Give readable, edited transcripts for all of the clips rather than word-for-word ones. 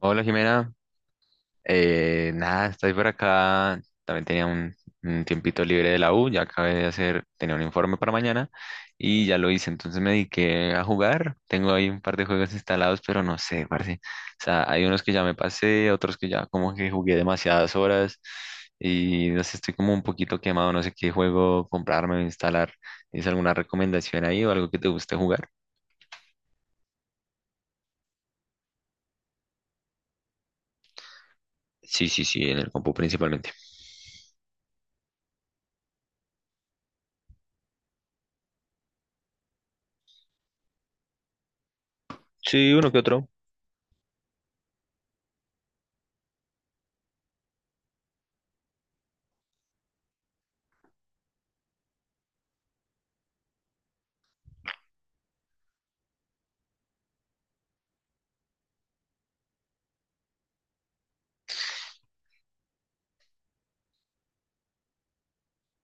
Hola Jimena. Nada, estoy por acá. También tenía un tiempito libre de la U, ya acabé de hacer, tenía un informe para mañana y ya lo hice. Entonces me dediqué a jugar. Tengo ahí un par de juegos instalados, pero no sé, parce. O sea, hay unos que ya me pasé, otros que ya como que jugué demasiadas horas y no sé, estoy como un poquito quemado. No sé qué juego comprarme o instalar. ¿Tienes alguna recomendación ahí o algo que te guste jugar? Sí, sí, sí, en el compu principalmente. Sí, uno que otro.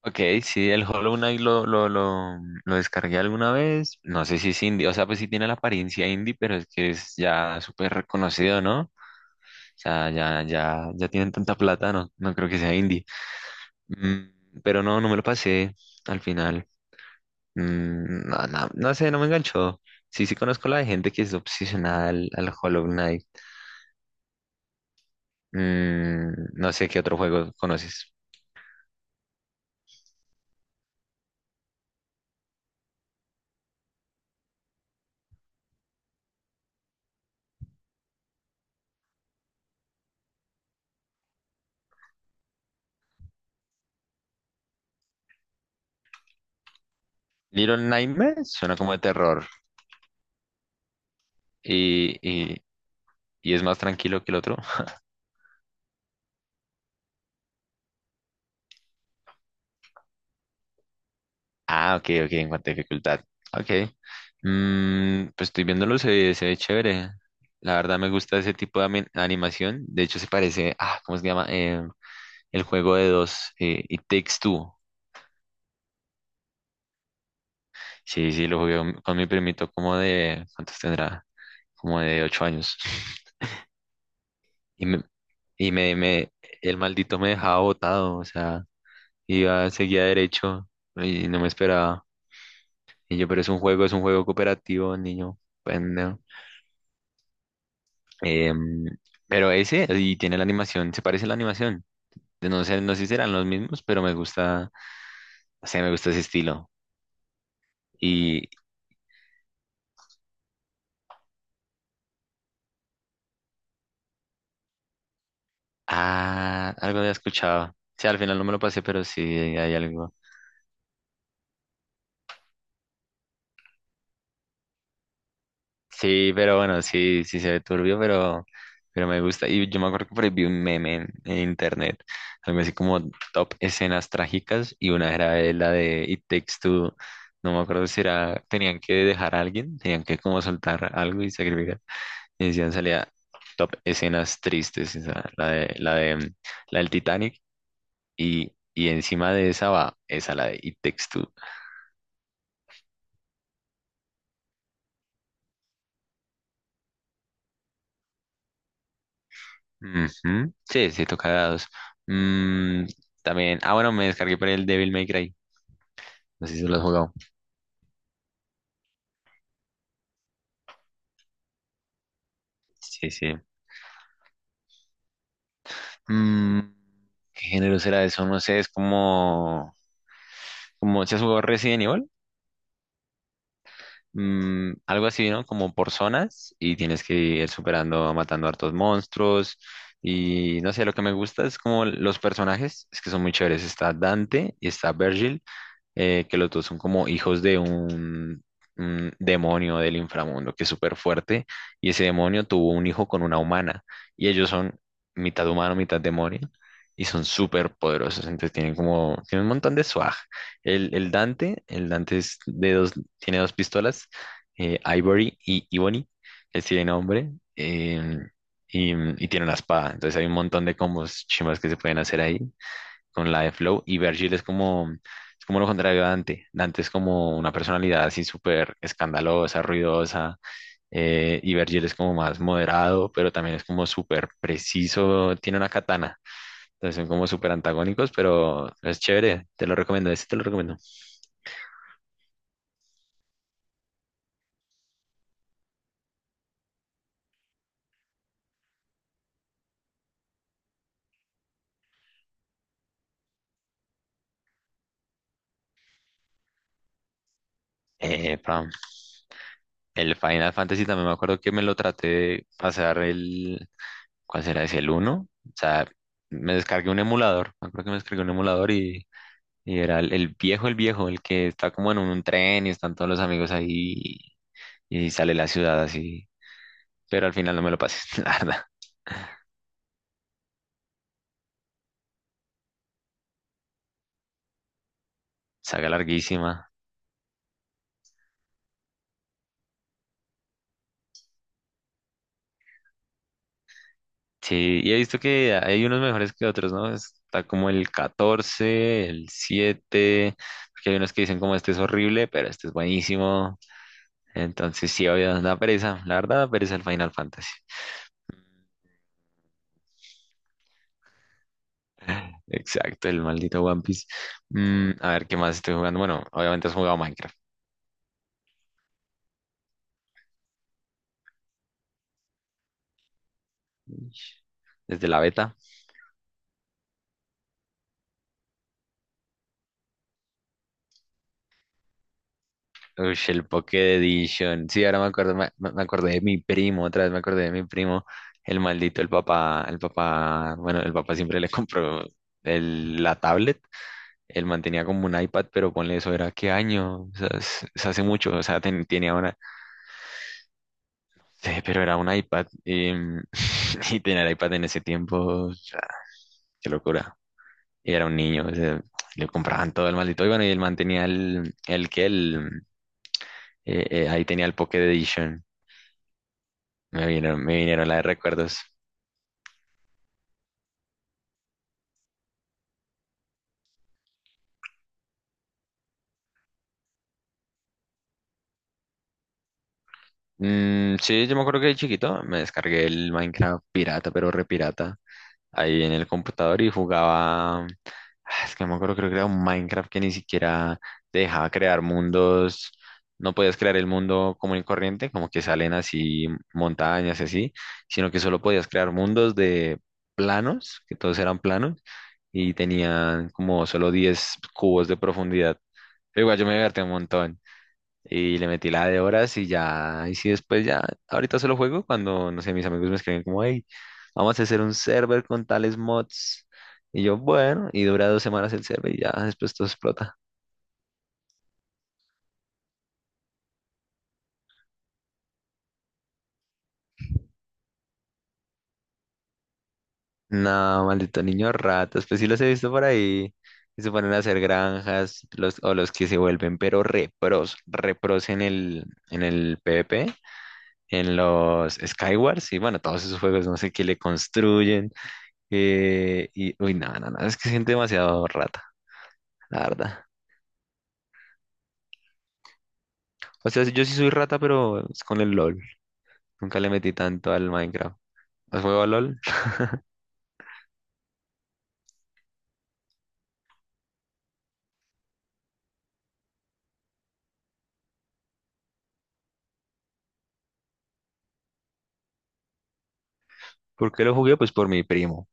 Ok, sí, el Hollow Knight lo descargué alguna vez. No sé si es indie, o sea, pues sí tiene la apariencia indie, pero es que es ya súper reconocido, ¿no? O sea, ya tienen tanta plata, no, no creo que sea indie. Mm, pero no, no me lo pasé al final. Mm, no, no, no sé, no me enganchó. Sí, sí conozco la de gente que es obsesionada al Hollow Knight. Mm, no sé qué otro juego conoces. Little Nightmares suena como de terror y, y, y es más tranquilo que el otro. Ah, ok, ok, en cuanto a dificultad. Ok. Mm, pues estoy viéndolo, se ve chévere. La verdad me gusta ese tipo de animación. De hecho, se parece, ¿cómo se llama? El juego de dos, It Takes Two. Sí, sí, lo jugué con mi primito como de, ¿cuántos tendrá? Como de 8 años. Y me, y me, me, el maldito me dejaba botado, o sea, iba, seguía derecho y no me esperaba. Y yo, pero es un juego cooperativo, niño. Em, pero ese, y tiene la animación, se parece a la animación. De No sé, no sé si serán los mismos, pero me gusta, o sea, me gusta ese estilo. Y, algo había escuchado. Sí, al final no me lo pasé, pero sí, hay algo. Sí, pero bueno, sí, sí se ve turbio, pero me gusta. Y yo me acuerdo que por ahí vi un meme en internet, algo así como top escenas trágicas, y una era de la de It Takes Two, no me acuerdo si era, tenían que dejar a alguien, tenían que como soltar algo y sacrificar. Y decían salía top escenas tristes, esa, la del Titanic, y encima de esa va esa, la de It Takes Two. Ujú. Sí, sí, toca dados. Mm, también, bueno, me descargué por el Devil May Cry. No sé si se lo has jugado. Sí, sí. Mm, ¿qué género será eso? No sé, ¿Se has jugado Resident Evil? Algo así, ¿no? Como por zonas y tienes que ir superando, matando hartos monstruos y no sé, lo que me gusta es como los personajes, es que son muy chéveres, está Dante y está Virgil, que los dos son como hijos de un demonio del inframundo que es súper fuerte, y ese demonio tuvo un hijo con una humana, y ellos son mitad humano, mitad demonio, y son súper poderosos, entonces tienen un montón de swag. El Dante es de dos, tiene dos pistolas, Ivory y Ebony, él sí tiene nombre, y tiene una espada, entonces hay un montón de combos chimas que se pueden hacer ahí, con la de Flow. Y Virgil es como lo contrario a Dante. Dante es como una personalidad así súper escandalosa, ruidosa. Y Virgil es como más moderado, pero también es como súper preciso. Tiene una katana. Entonces son como súper antagónicos, pero es chévere. Te lo recomiendo. Ese te lo recomiendo. Pam. El Final Fantasy también me acuerdo que me lo traté de pasar el. ¿Cuál será ese? El uno. O sea, me descargué un emulador. Me acuerdo que me descargué un emulador Y era el viejo, el que está como en un tren y están todos los amigos ahí y sale la ciudad así. Pero al final no me lo pasé, la verdad. Saga larguísima. Sí, y he visto que hay unos mejores que otros, ¿no? Está como el 14, el siete, porque hay unos que dicen como este es horrible, pero este es buenísimo. Entonces sí, obvio, da pereza, la verdad da pereza el Final Fantasy. Exacto, el maldito One Piece. A ver, ¿qué más estoy jugando? Bueno, obviamente has jugado Minecraft. Ish. Desde la beta. Ush, el Pocket Edition. Sí, ahora me acuerdo, me acordé de mi primo, otra vez me acordé de mi primo. El maldito, bueno, el papá siempre le compró la tablet. Él mantenía como un iPad, pero ponle eso, ¿era qué año? O sea, es hace mucho, o sea, tenía una, sí, pero era un iPad. Y tener iPad en ese tiempo, o sea, qué locura. Y era un niño, o sea, le compraban todo el maldito. Y bueno, y él mantenía ahí tenía el Pocket Edition. Me vinieron la de recuerdos. Mm, sí, yo me acuerdo que de chiquito me descargué el Minecraft pirata, pero re pirata, ahí en el computador y jugaba. Ah, es que no me acuerdo, creo que era un Minecraft que ni siquiera te dejaba crear mundos. No podías crear el mundo común y corriente, como que salen así montañas y así, sino que solo podías crear mundos de planos, que todos eran planos y tenían como solo 10 cubos de profundidad. Pero igual yo me divertí un montón y le metí la de horas y ya, y si después ya, ahorita solo juego cuando, no sé, mis amigos me escriben como, hey, vamos a hacer un server con tales mods. Y yo, bueno, y dura 2 semanas el server y ya, después todo explota. No, maldito niño ratas, pues sí los he visto por ahí. Y se ponen a hacer granjas, los, o los que se vuelven, pero repros en el PvP, en los Skywars, y bueno, todos esos juegos, no sé qué le construyen. Nada nada no, es que gente demasiado rata, la verdad. O sea, yo sí soy rata, pero es con el LOL. Nunca le metí tanto al Minecraft. ¿Has jugado al LOL? ¿Por qué lo jugué? Pues por mi primo.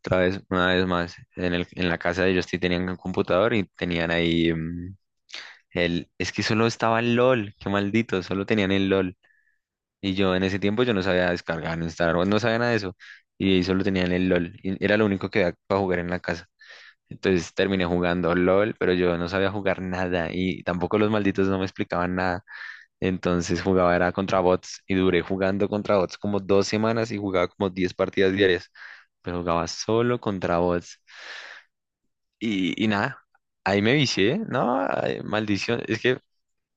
Otra vez, una vez más, en la casa de ellos sí tenían un computador y tenían ahí Es que solo estaba el LOL, qué maldito, solo tenían el LOL. Y yo en ese tiempo yo no sabía descargar, no instalar, no sabía nada de eso. Y solo tenían el LOL. Y era lo único que había para jugar en la casa. Entonces terminé jugando LOL, pero yo no sabía jugar nada y tampoco los malditos no me explicaban nada. Entonces jugaba era contra bots y duré jugando contra bots como 2 semanas y jugaba como 10 partidas diarias, pero jugaba solo contra bots. Y nada, ahí me vicié, ¿no? Ay, maldición, es que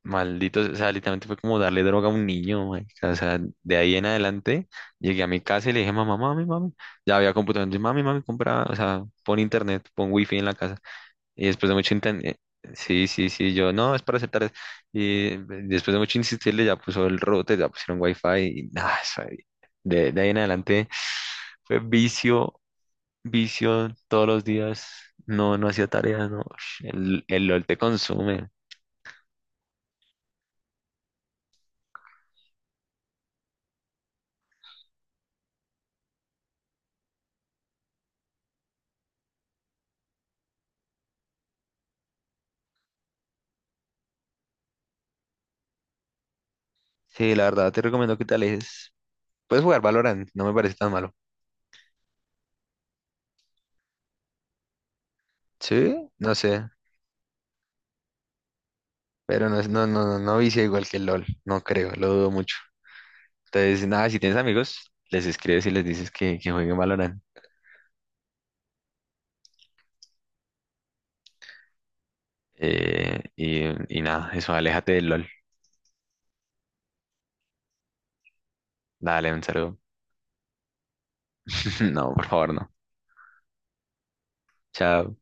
malditos, o sea, literalmente fue como darle droga a un niño, marica. O sea, de ahí en adelante llegué a mi casa y le dije, mamá, mami, mami, ya había computador, entonces, mami, mami, compra, o sea, pon internet, pon wifi en la casa. Y después de mucho intentar, sí, sí, sí, yo, no, es para hacer tareas. Y después de mucho insistirle, ya puso el router, ya pusieron wifi y nada, eso ahí. De ahí en adelante fue vicio, vicio todos los días. No, no hacía tareas, no. El LOL te consume. Sí, la verdad, te recomiendo que te alejes. Puedes jugar Valorant, no me parece tan malo. Sí, no sé, pero no, no vicia igual que el LOL, no creo, lo dudo mucho. Entonces, nada, si tienes amigos, les escribes y les dices que, jueguen Valorant. Y nada, eso, aléjate del LOL. Dale, un saludo. No, por favor, no. Chao.